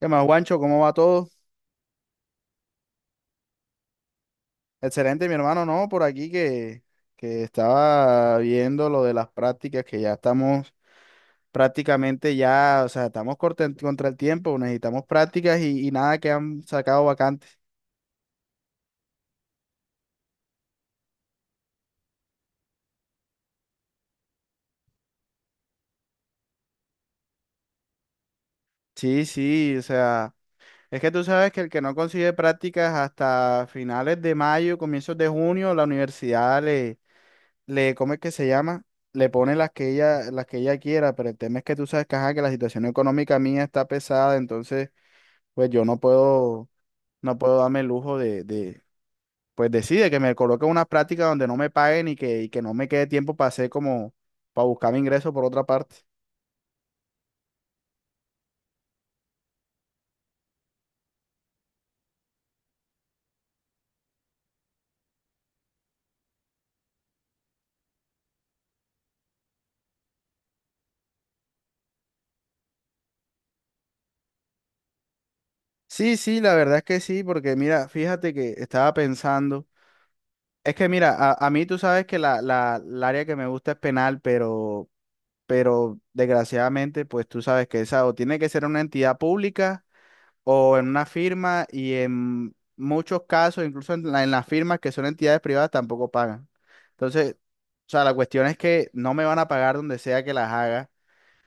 ¿Qué más, Guancho? ¿Cómo va todo? Excelente, mi hermano, ¿no? Por aquí que estaba viendo lo de las prácticas, que ya estamos prácticamente ya, o sea, estamos contra el tiempo, necesitamos prácticas y nada que han sacado vacantes. Sí, sí, o sea, es que tú sabes que el que no consigue prácticas hasta finales de mayo, comienzos de junio, la universidad ¿cómo es que se llama? Le pone las que ella quiera, pero el tema es que tú sabes que, ajá, que la situación económica mía está pesada, entonces pues yo no puedo, no puedo darme el lujo de pues decide que me coloque una práctica donde no me paguen y que no me quede tiempo para hacer como, para buscar mi ingreso por otra parte. Sí, sí, la verdad es que sí, porque mira, fíjate que estaba pensando, es que mira, a mí tú sabes que el área que me gusta es penal, pero desgraciadamente, pues tú sabes que esa o tiene que ser una entidad pública o en una firma y en muchos casos, incluso en las firmas que son entidades privadas, tampoco pagan. Entonces, o sea, la cuestión es que no me van a pagar donde sea que las haga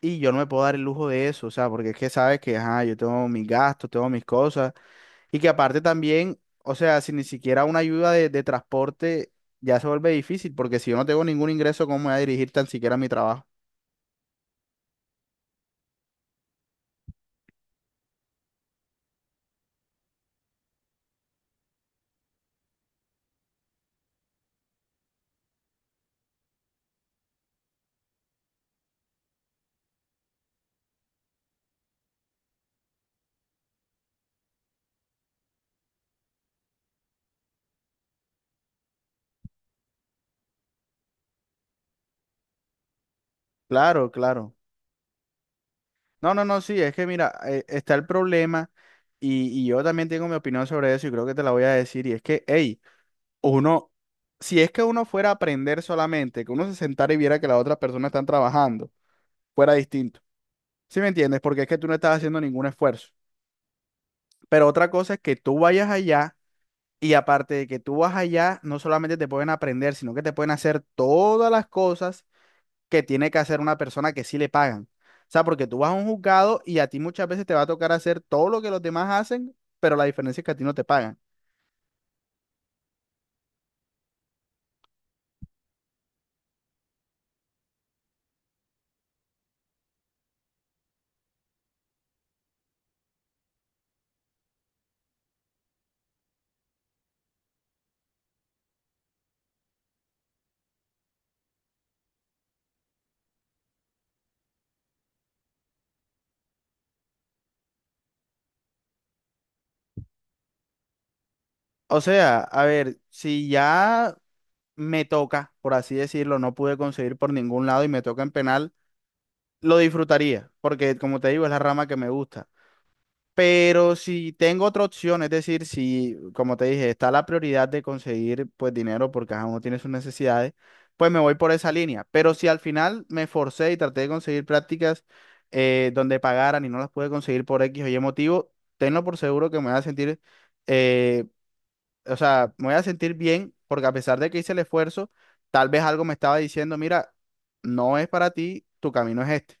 y yo no me puedo dar el lujo de eso, o sea, porque es que sabes que, ajá, yo tengo mis gastos, tengo mis cosas y que aparte también, o sea, si ni siquiera una ayuda de transporte ya se vuelve difícil, porque si yo no tengo ningún ingreso, ¿cómo me voy a dirigir tan siquiera a mi trabajo? Claro, claro. No, no, no, sí, es que mira, está el problema y yo también tengo mi opinión sobre eso y creo que te la voy a decir y es que, hey, uno, si es que uno fuera a aprender solamente, que uno se sentara y viera que las otras personas están trabajando, fuera distinto. ¿Sí me entiendes? Porque es que tú no estás haciendo ningún esfuerzo. Pero otra cosa es que tú vayas allá y aparte de que tú vas allá, no solamente te pueden aprender, sino que te pueden hacer todas las cosas que tiene que hacer una persona que sí le pagan. O sea, porque tú vas a un juzgado y a ti muchas veces te va a tocar hacer todo lo que los demás hacen, pero la diferencia es que a ti no te pagan. O sea, a ver, si ya me toca, por así decirlo, no pude conseguir por ningún lado y me toca en penal, lo disfrutaría, porque como te digo, es la rama que me gusta. Pero si tengo otra opción, es decir, si, como te dije, está la prioridad de conseguir pues dinero porque cada uno tiene sus necesidades, pues me voy por esa línea. Pero si al final me forcé y traté de conseguir prácticas donde pagaran y no las pude conseguir por X o Y motivo, tenlo por seguro que me voy a sentir, eh, o sea, me voy a sentir bien porque a pesar de que hice el esfuerzo, tal vez algo me estaba diciendo, mira, no es para ti, tu camino es este.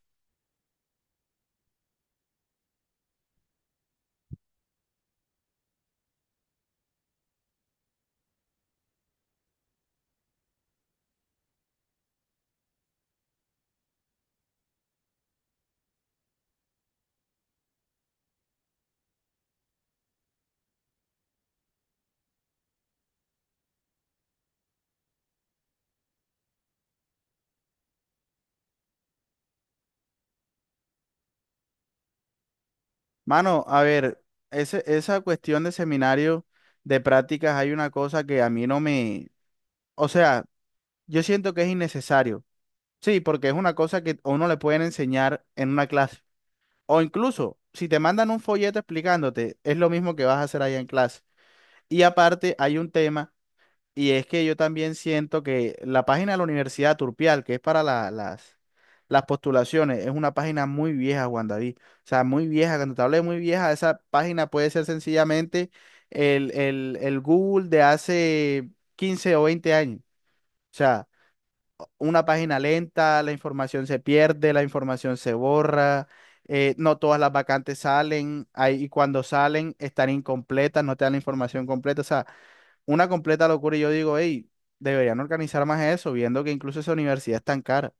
Mano, a ver, esa cuestión de seminario de prácticas, hay una cosa que a mí no me, o sea, yo siento que es innecesario. Sí, porque es una cosa que a uno le pueden enseñar en una clase. O incluso, si te mandan un folleto explicándote, es lo mismo que vas a hacer allá en clase. Y aparte, hay un tema. Y es que yo también siento que la página de la Universidad Turpial, que es para las postulaciones, es una página muy vieja, Juan David. O sea, muy vieja. Cuando te hablo de muy vieja, esa página puede ser sencillamente el Google de hace 15 o 20 años. O sea, una página lenta, la información se pierde, la información se borra, no todas las vacantes salen, hay y cuando salen están incompletas, no te dan la información completa. O sea, una completa locura y yo digo, hey, deberían organizar más eso, viendo que incluso esa universidad es tan cara.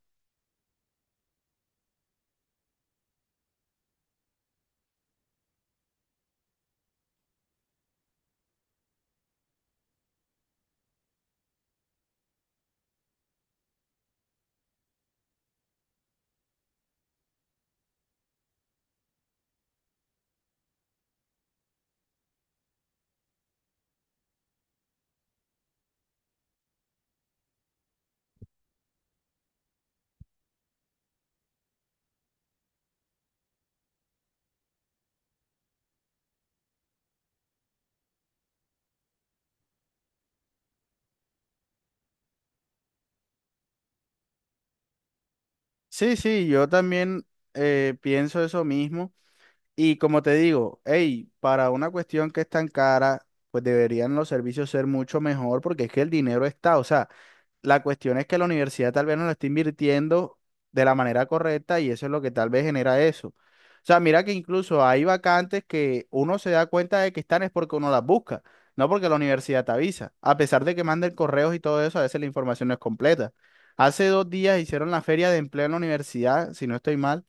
Sí, sí, yo también pienso eso mismo y como te digo, hey, para una cuestión que es tan cara, pues deberían los servicios ser mucho mejor porque es que el dinero está, o sea, la cuestión es que la universidad tal vez no lo está invirtiendo de la manera correcta y eso es lo que tal vez genera eso. O sea, mira que incluso hay vacantes que uno se da cuenta de que están es porque uno las busca, no porque la universidad te avisa. A pesar de que manden correos y todo eso, a veces la información no es completa. Hace dos días hicieron la feria de empleo en la universidad, si no estoy mal,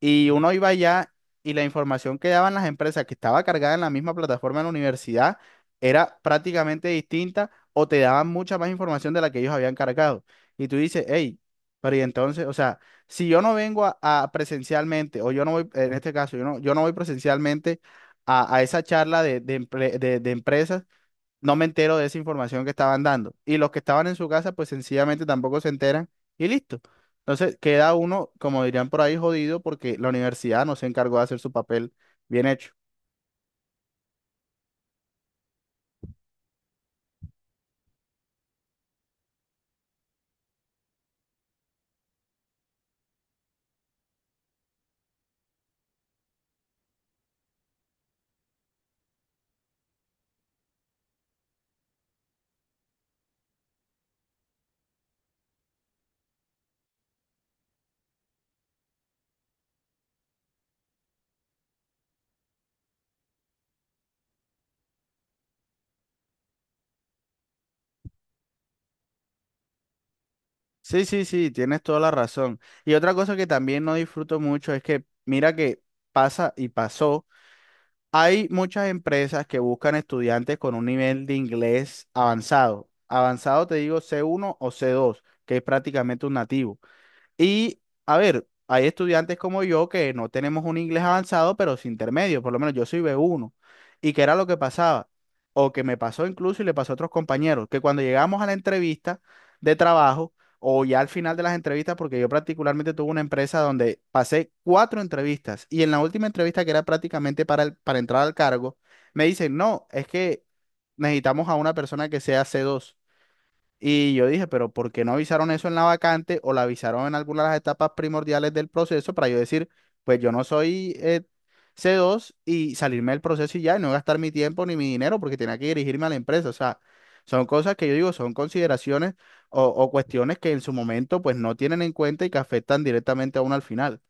y uno iba allá y la información que daban las empresas que estaba cargada en la misma plataforma de la universidad era prácticamente distinta o te daban mucha más información de la que ellos habían cargado. Y tú dices, hey, pero y entonces, o sea, si yo no vengo a presencialmente, o yo no voy, en este caso, yo no voy presencialmente a esa charla de empresas, no me entero de esa información que estaban dando. Y los que estaban en su casa, pues sencillamente tampoco se enteran y listo. Entonces queda uno, como dirían por ahí, jodido porque la universidad no se encargó de hacer su papel bien hecho. Sí, sí, sí, tienes toda la razón. Y otra cosa que también no disfruto mucho es que, mira que pasa y pasó, hay muchas empresas que buscan estudiantes con un nivel de inglés avanzado. Avanzado te digo C1 o C2 que es prácticamente un nativo. Y, a ver, hay estudiantes como yo que no tenemos un inglés avanzado, pero sin intermedio, por lo menos yo soy B1. ¿Y qué era lo que pasaba? O que me pasó incluso y le pasó a otros compañeros, que cuando llegamos a la entrevista de trabajo, o ya al final de las entrevistas, porque yo particularmente tuve una empresa donde pasé cuatro entrevistas y en la última entrevista que era prácticamente para, para entrar al cargo, me dicen, no, es que necesitamos a una persona que sea C2. Y yo dije, pero ¿por qué no avisaron eso en la vacante o la avisaron en alguna de las etapas primordiales del proceso para yo decir, pues yo no soy C2 y salirme del proceso y ya, y no gastar mi tiempo ni mi dinero porque tenía que dirigirme a la empresa? O sea, son cosas que yo digo, son consideraciones o cuestiones que en su momento pues no tienen en cuenta y que afectan directamente a uno al final.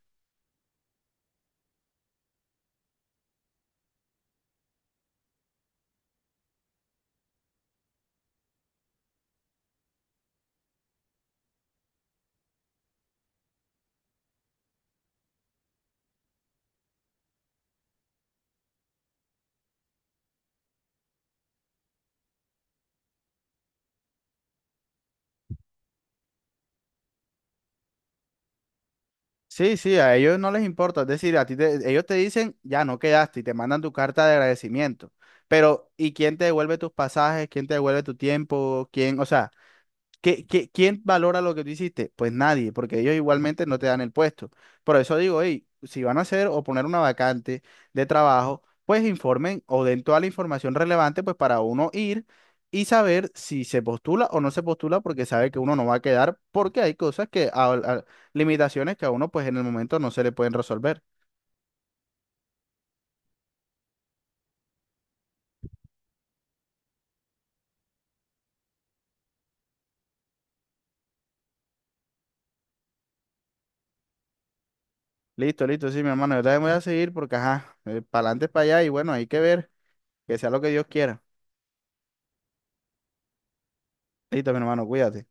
Sí, sí, a ellos no les importa, es decir, a ti ellos te dicen, ya no quedaste y te mandan tu carta de agradecimiento. Pero, ¿y quién te devuelve tus pasajes? ¿Quién te devuelve tu tiempo? ¿Quién? O sea, ¿qué, quién valora lo que tú hiciste? Pues nadie, porque ellos igualmente no te dan el puesto. Por eso digo, hey, si van a hacer o poner una vacante de trabajo, pues informen o den toda la información relevante, pues para uno ir y saber si se postula o no se postula, porque sabe que uno no va a quedar, porque hay cosas que, limitaciones que a uno pues en el momento no se le pueden resolver. Listo, listo, sí, mi hermano, yo también voy a seguir porque, ajá, para adelante, para allá y bueno, hay que ver, que sea lo que Dios quiera. Listo, mi hermano, cuídate.